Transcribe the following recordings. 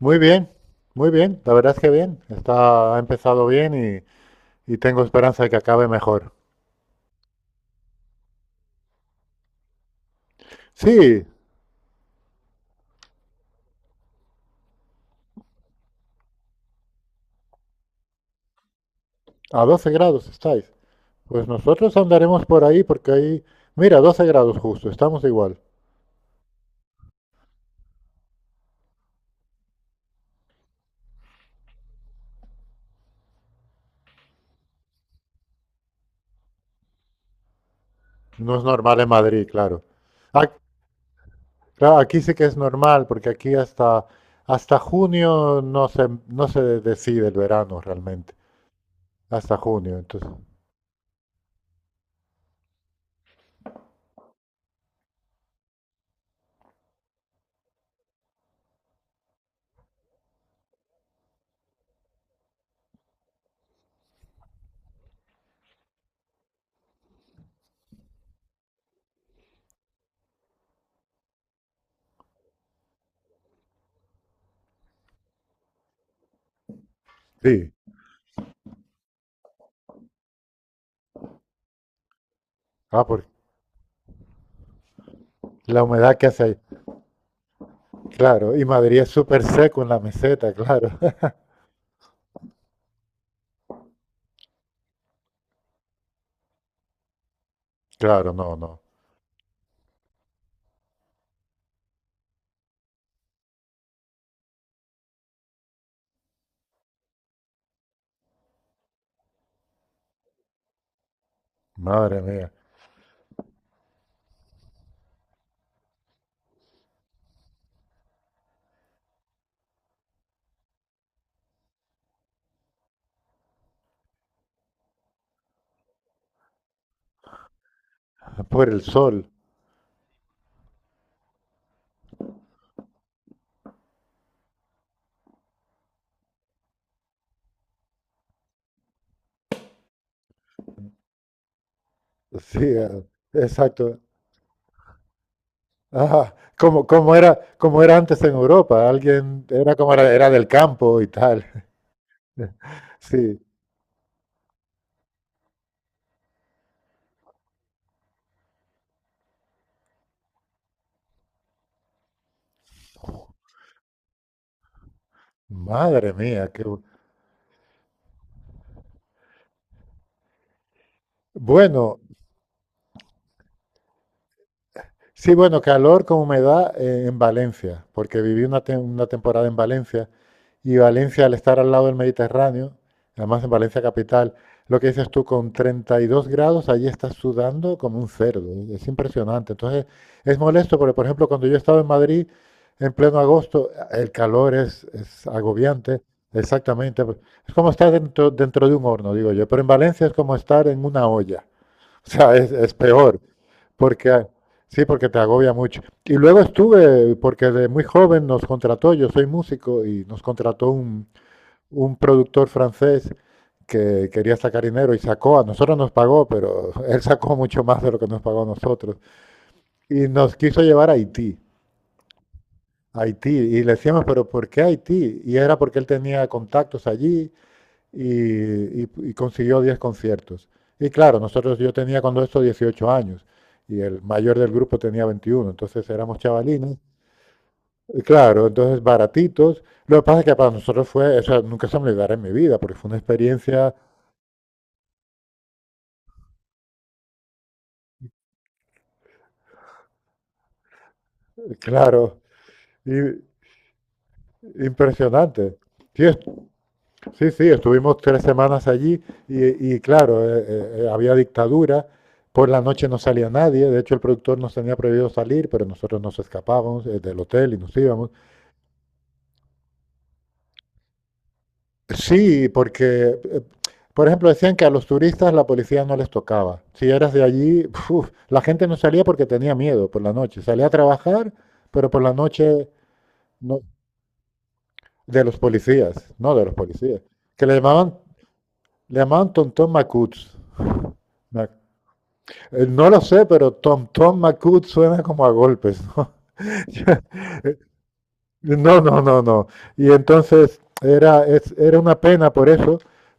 Muy bien, muy bien, la verdad es que bien, está, ha empezado bien y tengo esperanza de que acabe mejor. Sí, a 12 grados estáis. Pues nosotros andaremos por ahí porque ahí, mira, 12 grados justo, estamos igual. No es normal en Madrid, claro. Ah, claro, aquí sí que es normal porque aquí hasta junio no se decide el verano realmente, hasta junio, entonces. Sí, ah, porque la humedad que hace ahí, claro, y Madrid es súper seco en la meseta, claro. Claro, no, no. Madre mía. Por el sol. Sí, exacto. Ah, como era antes en Europa. Alguien era como era del campo y tal. Sí. Madre mía, qué bueno. Sí, bueno, calor con humedad en Valencia, porque viví una temporada en Valencia y Valencia, al estar al lado del Mediterráneo, además en Valencia capital, lo que dices tú, con 32 grados, allí estás sudando como un cerdo, ¿eh? Es impresionante. Entonces, es molesto porque, por ejemplo, cuando yo estaba en Madrid en pleno agosto, el calor es agobiante, exactamente. Es como estar dentro de un horno, digo yo, pero en Valencia es como estar en una olla. O sea, es peor. Porque, sí, porque te agobia mucho. Y luego estuve, porque de muy joven nos contrató, yo soy músico, y nos contrató un productor francés que quería sacar dinero y sacó, a nosotros nos pagó, pero él sacó mucho más de lo que nos pagó a nosotros. Y nos quiso llevar a Haití, a Haití. Y le decíamos, pero ¿por qué Haití? Y era porque él tenía contactos allí y consiguió 10 conciertos. Y claro, nosotros yo tenía cuando esto 18 años y el mayor del grupo tenía 21, entonces éramos chavalines. Y claro, entonces baratitos. Lo que pasa es que para nosotros fue, o sea, nunca se me olvidará en mi vida, porque fue una experiencia, claro, i- impresionante. Sí, sí, sí, estuvimos 3 semanas allí y claro, había dictadura, por la noche no salía nadie, de hecho el productor nos tenía prohibido salir, pero nosotros nos escapábamos del hotel y nos íbamos. Sí, porque, por ejemplo, decían que a los turistas la policía no les tocaba. Si eras de allí, uf, la gente no salía porque tenía miedo por la noche. Salía a trabajar, pero por la noche no, de los policías, no de los policías, que le llamaban Tontón Macuts. Me No lo sé, pero Tom Tom McCood suena como a golpes, ¿no? No, no, no, no. Y entonces era una pena por eso,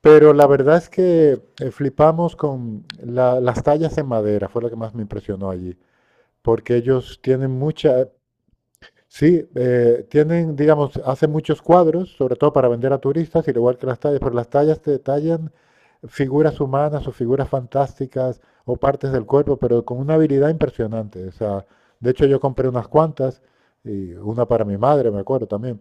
pero la verdad es que flipamos con las tallas en madera, fue lo que más me impresionó allí, porque ellos tienen mucha, sí, tienen, digamos, hacen muchos cuadros, sobre todo para vender a turistas, al igual que las tallas, pero las tallas te detallan figuras humanas o figuras fantásticas o partes del cuerpo, pero con una habilidad impresionante. O sea, de hecho yo compré unas cuantas y una para mi madre, me acuerdo también.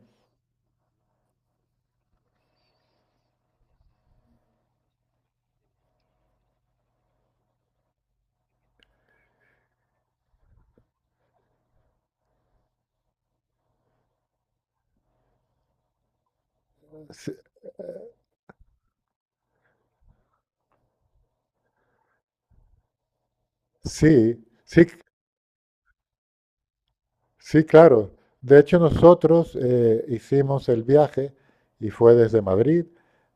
Sí, sí, sí, sí, claro. De hecho, nosotros hicimos el viaje y fue desde Madrid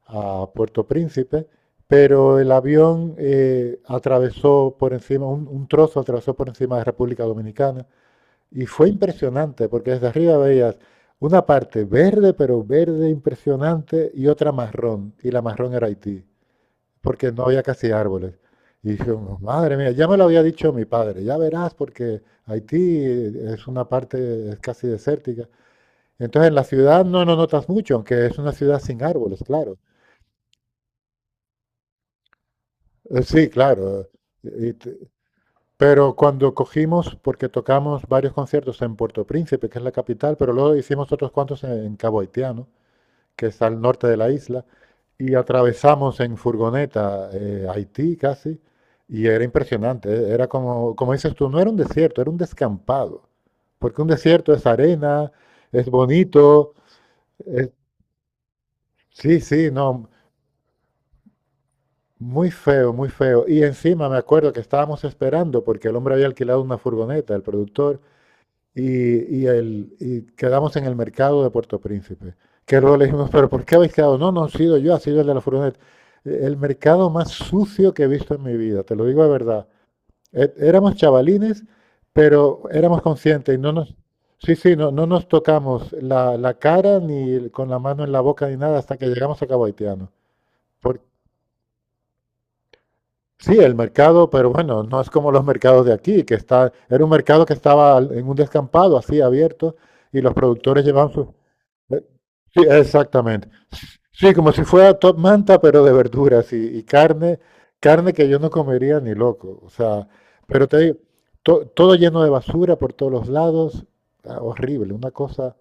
a Puerto Príncipe, pero el avión atravesó por encima, un trozo atravesó por encima de República Dominicana y fue impresionante porque desde arriba veías una parte verde, pero verde impresionante, y otra marrón, y la marrón era Haití porque no había casi árboles. Y dije, madre mía, ya me lo había dicho mi padre, ya verás, porque Haití es una parte es casi desértica. Entonces en la ciudad no lo notas mucho, aunque es una ciudad sin árboles, claro. Sí, claro. Y te- pero cuando cogimos, porque tocamos varios conciertos en Puerto Príncipe, que es la capital, pero luego hicimos otros cuantos en Cabo Haitiano, que es al norte de la isla, y atravesamos en furgoneta Haití casi, y era impresionante, era como dices tú, no era un desierto, era un descampado, porque un desierto es arena, es bonito, es- sí, sí, no, muy feo, muy feo. Y encima me acuerdo que estábamos esperando, porque el hombre había alquilado una furgoneta, el productor, y quedamos en el mercado de Puerto Príncipe. Que luego le dijimos, pero ¿por qué habéis quedado? No, no he sido yo, ha sido el de la furgoneta. El mercado más sucio que he visto en mi vida, te lo digo de verdad. Éramos chavalines, pero éramos conscientes y no nos, sí, sí, no, no nos tocamos la cara ni con la mano en la boca ni nada hasta que llegamos a Cabo Haitiano. Por- sí, el mercado, pero bueno, no es como los mercados de aquí, que está, era un mercado que estaba en un descampado así abierto y los productores llevaban sus... Eh, Sí, exactamente. Sí, como si fuera top manta, pero de verduras y carne, carne que yo no comería ni loco. O sea, pero te digo, todo lleno de basura por todos los lados, ah, horrible, una cosa.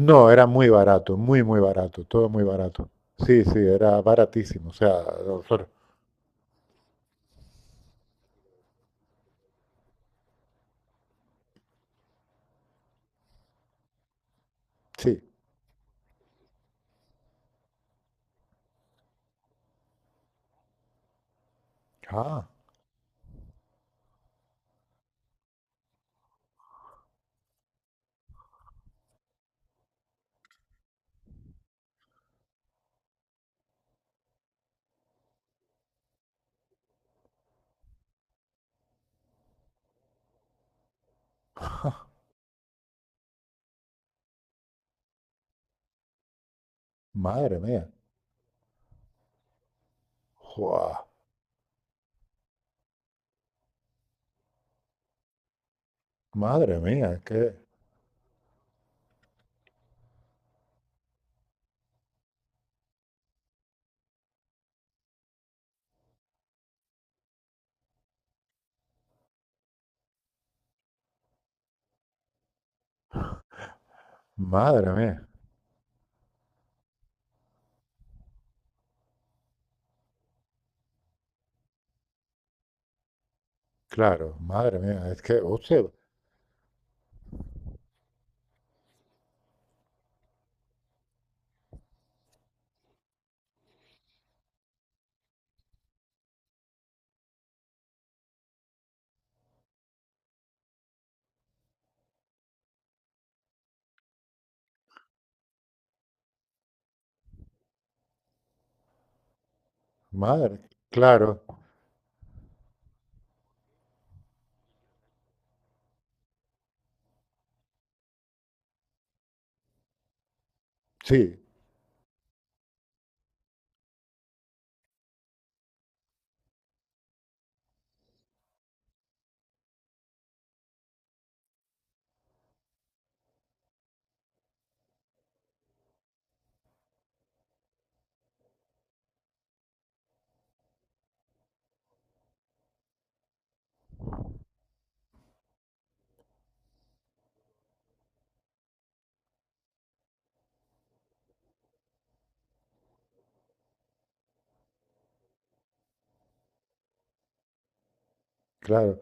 No, era muy barato, muy, muy barato, todo muy barato. Sí, sí, era baratísimo. O sea, sí. Ah, madre mía. Jua, madre mía, madre mía. Claro, madre mía, es que, o sea, madre, claro. Sí, claro.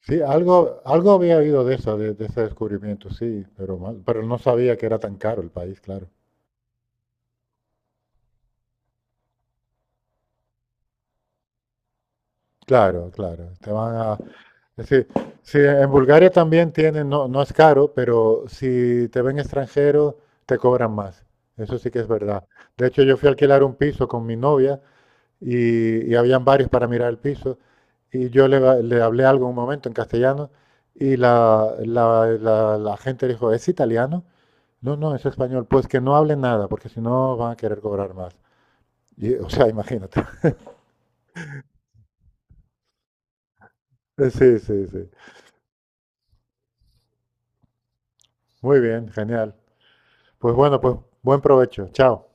Sí, algo había oído de eso, de ese descubrimiento, sí, pero, pero no sabía que era tan caro el país, claro. Claro, claro. Es decir, sí, en Bulgaria también tienen, no, no es caro, pero si te ven extranjero, te cobran más. Eso sí que es verdad. De hecho, yo fui a alquilar un piso con mi novia y habían varios para mirar el piso y yo le hablé algo un momento en castellano y la gente dijo, ¿es italiano? No, no, es español. Pues que no hable nada, porque si no van a querer cobrar más. Y, o sea, imagínate. Sí, sí, sí. Muy bien, genial. Pues bueno, pues buen provecho. Chao.